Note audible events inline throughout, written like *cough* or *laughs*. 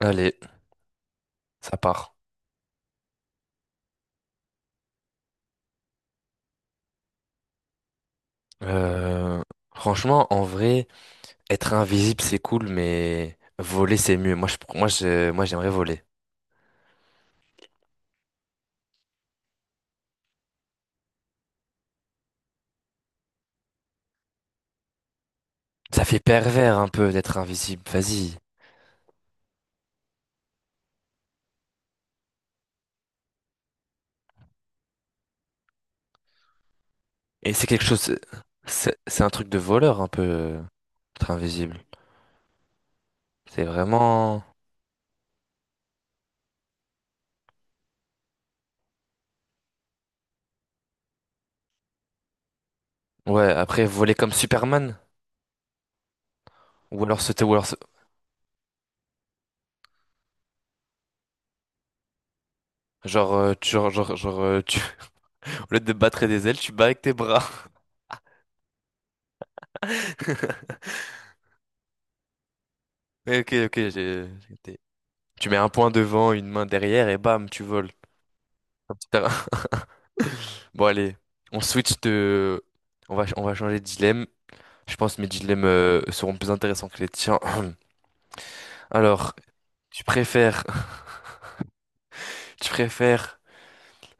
Allez, ça part. Euh, Franchement, en vrai, être invisible, c'est cool, mais voler, c'est mieux. Moi, j'aimerais voler. Ça fait pervers un peu d'être invisible. Vas-y. Et c'est quelque chose. C'est un truc de voleur un peu, être invisible. C'est vraiment. Ouais, après, voler comme Superman. Ou alors sauter, ou alors. Genre, tu, genre, genre, genre, tu... *laughs* au lieu de battre des ailes, tu bats avec tes bras. *laughs* Ok, ok, j'ai capté. Tu mets un point devant, une main derrière, et bam, tu voles. Un petit terrain. *laughs* Bon, allez, on switch de... on va changer de dilemme. Je pense que mes dilemmes seront plus intéressants que les tiens. *clears throat* Alors, tu préfères... *laughs* Tu préfères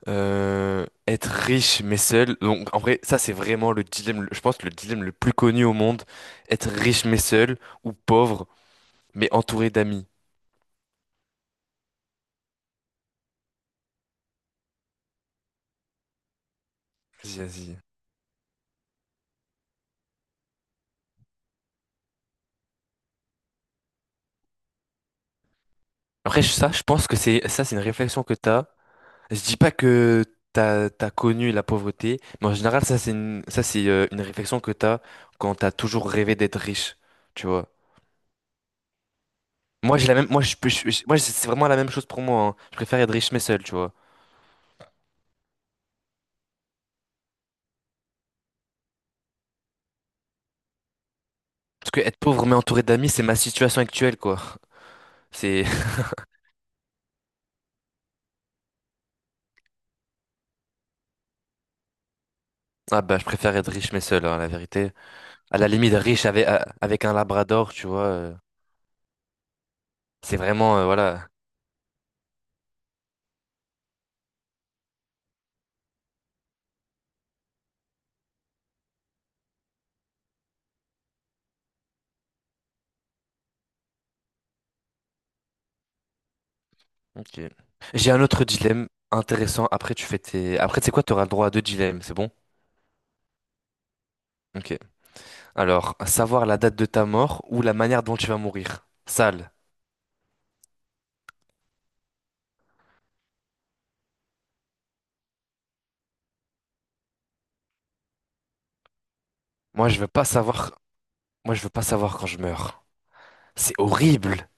être riche mais seul. Donc, en vrai, ça, c'est vraiment je pense le dilemme le plus connu au monde. Être riche mais seul ou pauvre mais entouré d'amis. Vas-y, vas-y. Après, ça, je pense que ça, c'est une réflexion que t'as. Je dis pas que t'as connu la pauvreté, mais en général, ça c'est une réflexion que t'as quand t'as toujours rêvé d'être riche, tu vois. Moi j'ai la même, moi je, peux- je- moi c'est vraiment la même chose pour moi, hein. Je préfère être riche mais seul, tu vois. Parce que être pauvre mais entouré d'amis, c'est ma situation actuelle, quoi. C'est *laughs* ah bah je préfère être riche mais seul, hein, la vérité. À la limite riche avec un labrador, tu vois. C'est vraiment voilà. Ok. J'ai un autre dilemme intéressant. Après tu fais tes, après c'est quoi? T'auras le droit à deux dilemmes, c'est bon? Ok. Alors, savoir la date de ta mort ou la manière dont tu vas mourir. Sale. Moi, je veux pas savoir. Moi, je veux pas savoir quand je meurs. C'est horrible.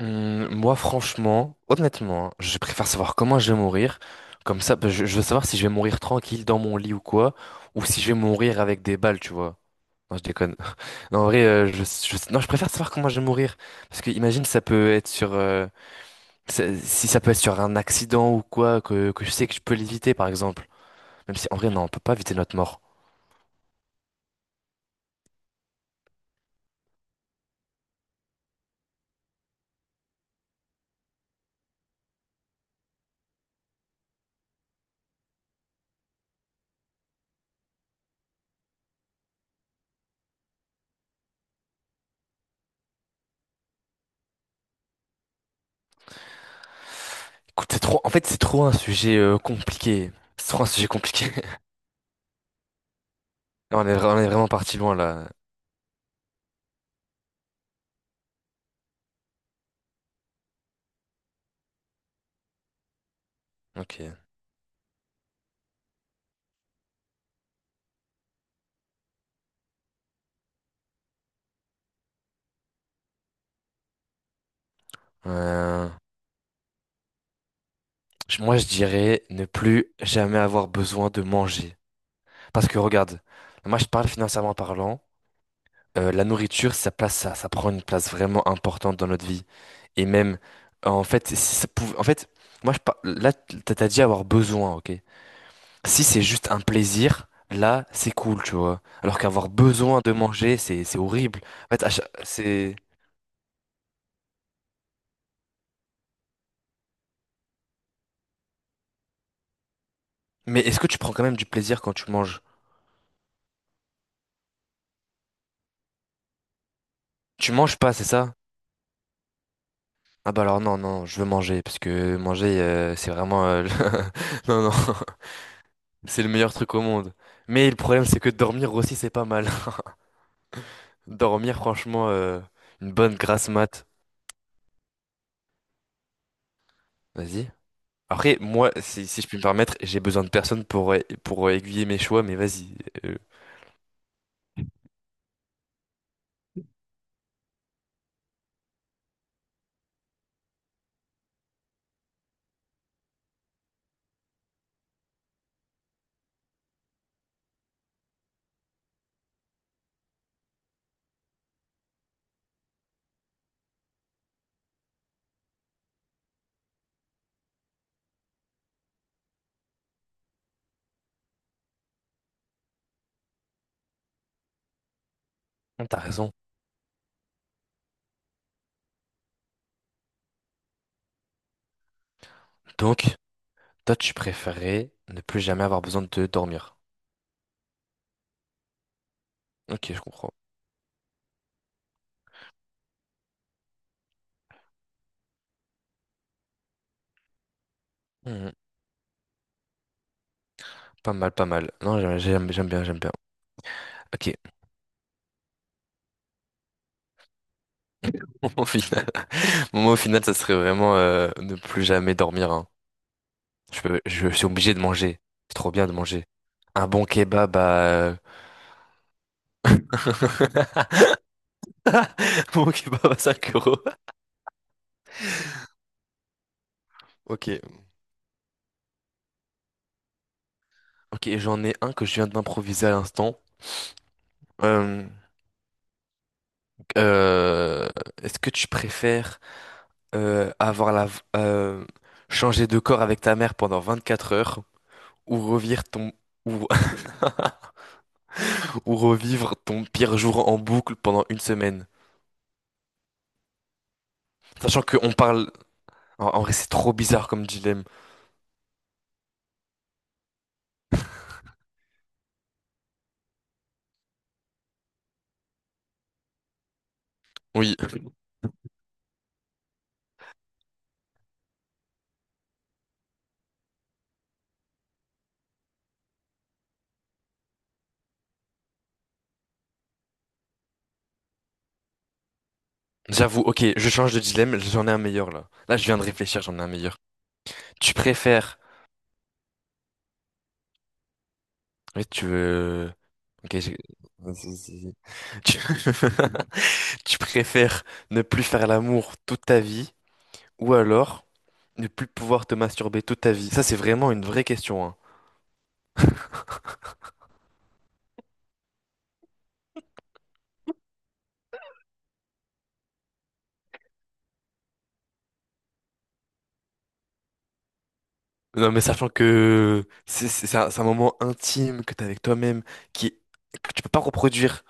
Moi, franchement, honnêtement, hein, je préfère savoir comment je vais mourir. Comme ça, bah, je veux savoir si je vais mourir tranquille dans mon lit ou quoi, ou si je vais mourir avec des balles, tu vois. Non, je déconne. *laughs* Non, en vrai, je- non, je préfère savoir comment je vais mourir. Parce que imagine, ça peut être sur, ça- si ça peut être sur un accident ou quoi, que je sais que je peux l'éviter, par exemple. Même si, en vrai, non, on peut pas éviter notre mort. Écoute, c'est trop un sujet compliqué. C'est trop un sujet compliqué. *laughs* On est vraiment parti loin là. Ok. Euh, Moi, je dirais ne plus jamais avoir besoin de manger. Parce que regarde, moi, je parle financièrement parlant. La nourriture, ça prend une place vraiment importante dans notre vie. Et même, en fait, si ça pouvait, en fait, moi, là, t'as dit avoir besoin, ok? Si c'est juste un plaisir, là, c'est cool, tu vois. Alors qu'avoir besoin de manger, c'est horrible. En fait, à cha- c'est. Mais est-ce que tu prends quand même du plaisir quand tu manges? Tu manges pas, c'est ça? Ah bah alors non, non, je veux manger, parce que manger, c'est vraiment... *laughs* Non, non, *laughs* c'est le meilleur truc au monde. Mais le problème, c'est que dormir aussi, c'est pas mal. *laughs* Dormir, franchement, une bonne grasse mat. Vas-y. Après, moi, si je puis me permettre, j'ai besoin de personne pour aiguiller mes choix, mais vas-y. euh, T'as raison. Donc... Toi, tu préférais ne plus jamais avoir besoin de dormir. Ok, je comprends. Mhm. Pas mal, pas mal. Non, j'aime, j'aime bien, j'aime bien. Ok. *laughs* Au final, moi, *laughs* au final, ça serait vraiment ne plus jamais dormir, hein. Suis obligé de manger. C'est trop bien de manger. Un bon kebab à... *laughs* un bon kebab à 5 euros. Ok. Ok, j'en ai un que je viens d'improviser à l'instant. Euh, euh, Est-ce que tu préfères avoir changer de corps avec ta mère pendant 24 heures ou revivre ton ou, *laughs* ou revivre ton pire jour en boucle pendant une semaine. Sachant qu'on parle. En vrai, c'est trop bizarre comme dilemme. Oui, j'avoue, ok, je change de dilemme, j'en ai un meilleur là. Là, je viens de réfléchir, j'en ai un meilleur. Tu préfères. Oui, tu veux. Ok, j'ai- vas-y, vas-y. Tu... *laughs* tu préfères ne plus faire l'amour toute ta vie ou alors ne plus pouvoir te masturber toute ta vie? Ça, c'est vraiment une vraie question, hein. Non, mais sachant que c'est un moment intime que t'as avec toi-même qui que tu peux pas reproduire.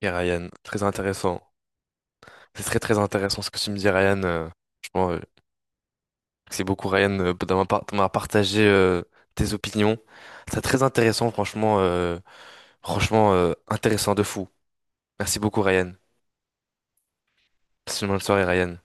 Et Ryan, très intéressant. C'est très très intéressant ce que tu me dis, Ryan. Franchement, c'est beaucoup, Ryan, d'avoir partagé tes opinions. C'est très intéressant, franchement, intéressant de fou. Merci beaucoup, Ryan. Passe une bonne soirée, Ryan.